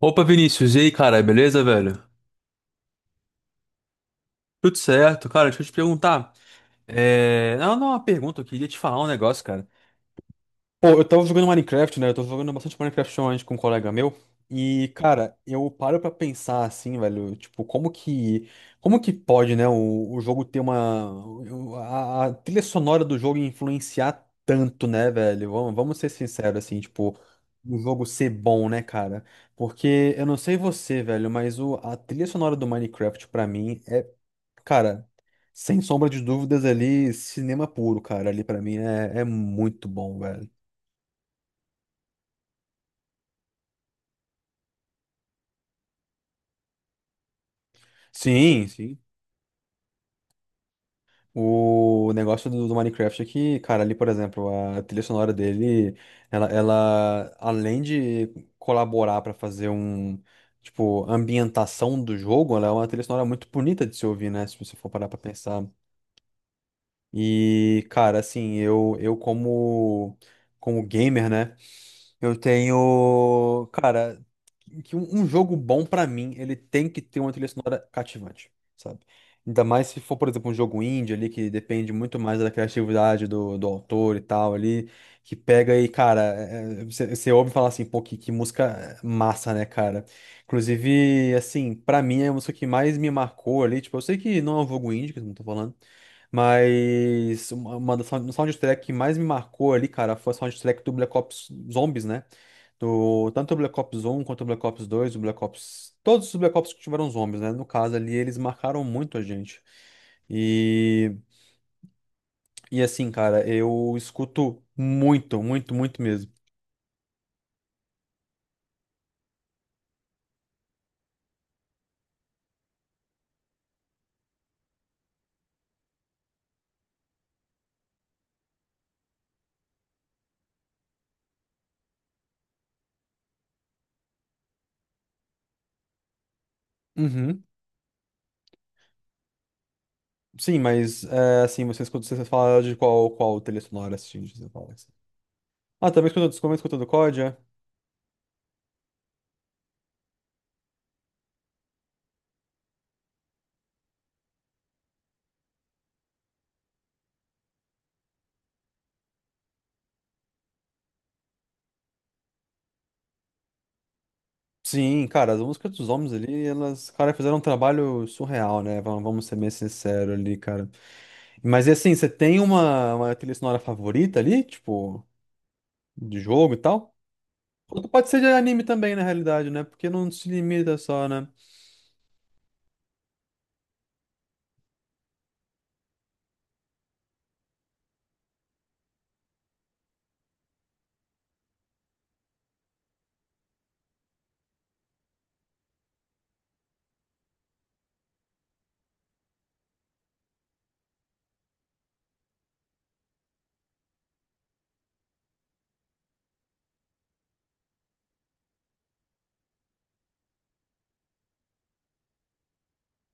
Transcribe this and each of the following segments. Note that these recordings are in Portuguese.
Opa, Vinícius, e aí, cara, beleza, velho? Tudo certo, cara, deixa eu te perguntar. Não, não, uma pergunta, eu queria te falar um negócio, cara. Pô, eu tava jogando Minecraft, né? Eu tô jogando bastante Minecraft online com um colega meu. E, cara, eu paro pra pensar assim, velho, tipo, como que pode, né, o jogo ter uma, a trilha sonora do jogo influenciar tanto, né, velho? Vamos ser sinceros, assim, tipo, o jogo ser bom, né, cara? Porque eu não sei você, velho, mas a trilha sonora do Minecraft, pra mim, cara, sem sombra de dúvidas ali, cinema puro, cara, ali pra mim é muito bom, velho. Sim, sim. O negócio do Minecraft é que, cara, ali, por exemplo, a trilha sonora dele, ela além de colaborar pra fazer um, tipo, ambientação do jogo, ela é uma trilha sonora muito bonita de se ouvir, né? Se você for parar pra pensar. E, cara, assim, eu como, como gamer, né? Eu tenho, cara, que um jogo bom pra mim, ele tem que ter uma trilha sonora cativante, sabe? Ainda mais se for, por exemplo, um jogo indie ali que depende muito mais da criatividade do autor e tal ali, que pega e, cara, você ouve falar assim, pô, que música massa, né, cara? Inclusive, assim, pra mim é a música que mais me marcou ali, tipo, eu sei que não é um jogo indie, que eu não tô falando, mas uma das soundtrack que mais me marcou ali, cara, foi a soundtrack do Black Ops Zombies, né? Do, tanto o Black Ops um quanto o Black Ops 2 o Black Ops. Todos os Black Ops que tiveram zombies, né? No caso ali, eles marcaram muito a gente. E, e assim, cara, eu escuto muito, muito, muito mesmo. Uhum. Sim, mas é, assim, você escuta, você fala de qual, qual trilha sonora assistindo, você fala assim. Ah, também escuta, desculpa, escuta do COD, é? Sim, cara, as músicas dos homens ali, elas, cara, fizeram um trabalho surreal, né? Vamos ser bem sinceros ali, cara. Mas e assim, você tem uma trilha sonora favorita ali? Tipo. De jogo e tal. Ou pode ser de anime também, na realidade, né? Porque não se limita só, né?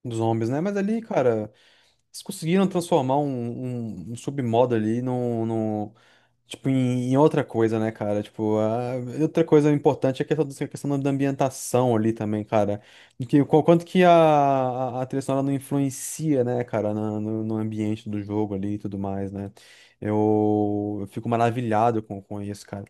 Dos zombies, né? Mas ali, cara, eles conseguiram transformar um submodo ali num, tipo, em outra coisa, né, cara? Tipo, a, outra coisa importante é a questão, a questão da ambientação ali também, cara. De que, quanto que a trilha sonora não influencia, né, cara, no ambiente do jogo ali e tudo mais, né? Eu fico maravilhado com isso, cara.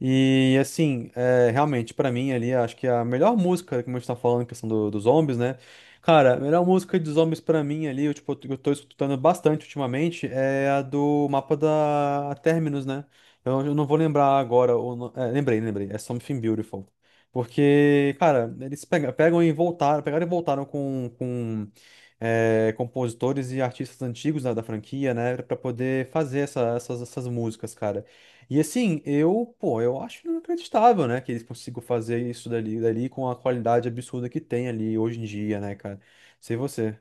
E, assim, é, realmente, pra mim ali, acho que a melhor música, como a gente tá falando, questão do, dos zombies, né? Cara, a melhor música dos homens pra mim ali, eu, tipo, eu tô escutando bastante ultimamente, é a do mapa da Terminus, né? Eu não vou lembrar agora, o lembrei, lembrei, é Something Beautiful. Porque, cara, eles pegam e voltaram, pegaram e voltaram com é, compositores e artistas antigos, né, da franquia, né, pra poder fazer essas, essas músicas, cara. E assim, eu, pô, eu acho inacreditável, né, que eles consigam fazer isso dali, dali com a qualidade absurda que tem ali hoje em dia, né, cara? Sei você.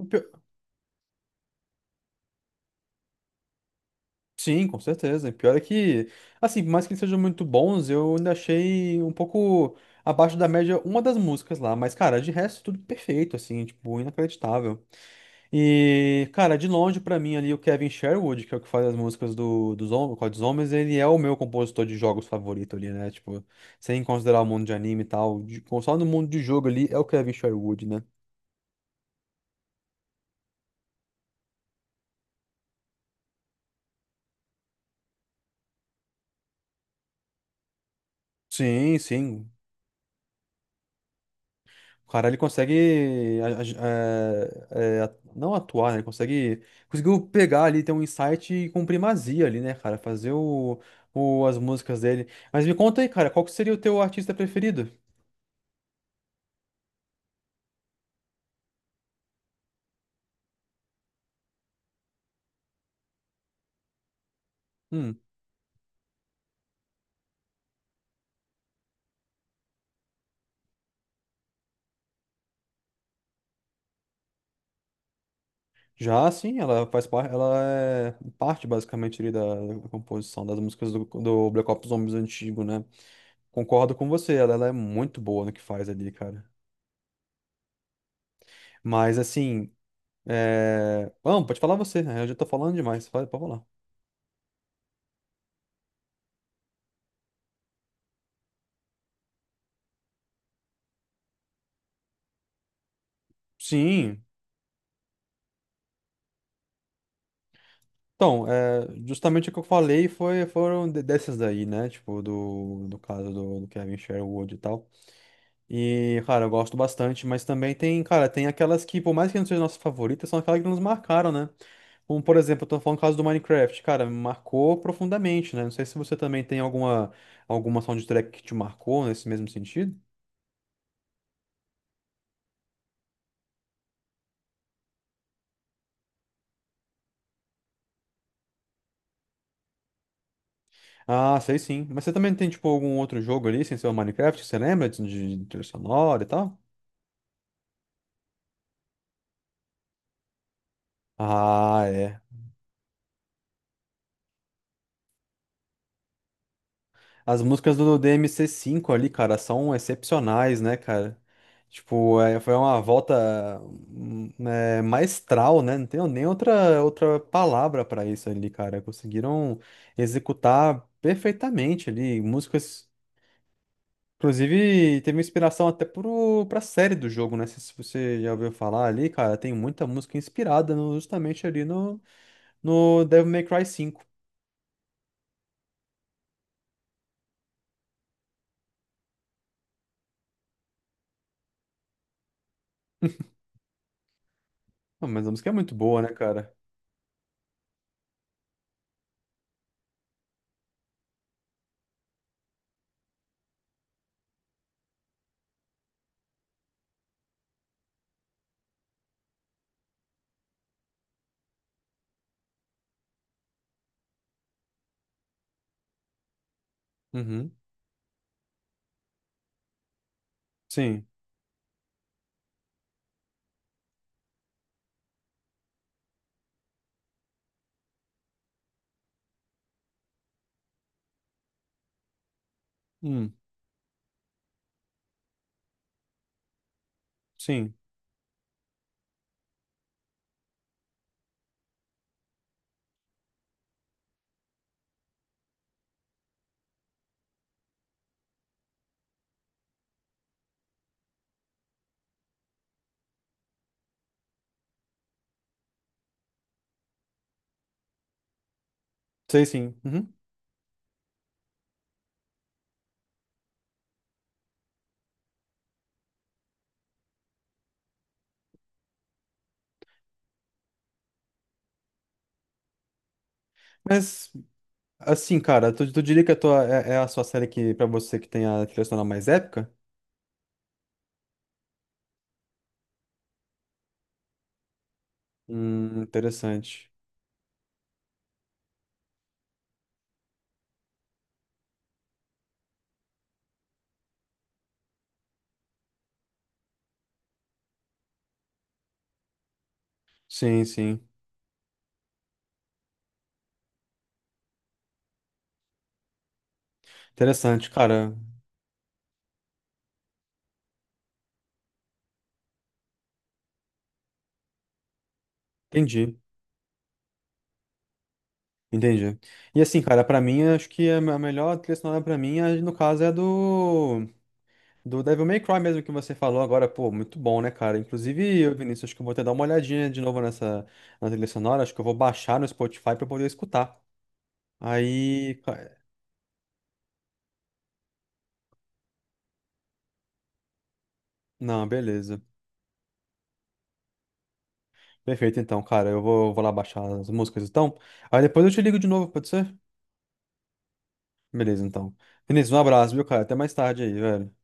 O pio- Sim, com certeza. O pior é que, assim, por mais que eles sejam muito bons, eu ainda achei um pouco abaixo da média uma das músicas lá, mas, cara, de resto, tudo perfeito, assim, tipo, inacreditável. E, cara, de longe pra mim ali o Kevin Sherwood, que é o que faz as músicas do, dos Code Zombies, ele é o meu compositor de jogos favorito ali, né? Tipo, sem considerar o mundo de anime e tal, de, só no mundo de jogo ali é o Kevin Sherwood, né? Sim, sim. O cara, ele consegue não atuar, né? Ele consegue, conseguiu pegar ali, ter um insight com primazia ali, né, cara? Fazer as músicas dele. Mas me conta aí, cara, qual que seria o teu artista preferido? Hum. Já sim, ela faz parte, ela é parte basicamente ali da composição das músicas do Black Ops Zombies antigo, né? Concordo com você, ela é muito boa no que faz ali, cara. Mas assim, não, pode falar você, né? Eu já tô falando demais, pode falar. Sim, então, é, justamente o que eu falei foi, foram dessas daí, né? Tipo, do, do caso do Kevin Sherwood e tal. E, cara, eu gosto bastante, mas também tem, cara, tem aquelas que, por mais que não sejam nossas favoritas, são aquelas que nos marcaram, né? Como, por exemplo, eu tô falando o caso do Minecraft, cara, me marcou profundamente, né? Não sei se você também tem alguma, alguma soundtrack que te marcou nesse mesmo sentido. Ah, sei sim. Mas você também tem, tipo, algum outro jogo ali, sem ser o Minecraft, que você lembra de trilha sonora e tal? Ah, é. As músicas do dmc cinco ali, cara, são excepcionais, né, cara? Tipo, é, foi uma volta maestral, né? Não tenho nem outra, outra palavra pra isso ali, cara. Conseguiram executar perfeitamente ali. Músicas, inclusive, teve inspiração até pra série do jogo, né? Se se você já ouviu falar ali, cara, tem muita música inspirada justamente ali no, no Devil May Cry cinco. Ah, mas a música é muito boa, né, cara? Uhum. Sim. Hum. Sim. Sei sim. Uhum. Mas, assim, cara, tu, tu diria que a tua, é a sua série que, pra você que tem a trilha sonora mais épica? Interessante. Sim, sim. Interessante, cara. Entendi. Entendi. E assim, cara, pra mim, acho que a melhor trilha sonora pra mim, é, no caso, é a do, do Devil May Cry mesmo que você falou agora. Pô, muito bom, né, cara? Inclusive, eu, Vinícius, acho que eu vou até dar uma olhadinha de novo nessa na trilha sonora. Acho que eu vou baixar no Spotify pra poder escutar. Aí, ca- não, beleza. Perfeito, então, cara. Eu vou lá baixar as músicas, então. Aí depois eu te ligo de novo, pode ser? Beleza, então. Vinícius, um abraço, viu, cara? Até mais tarde aí, velho.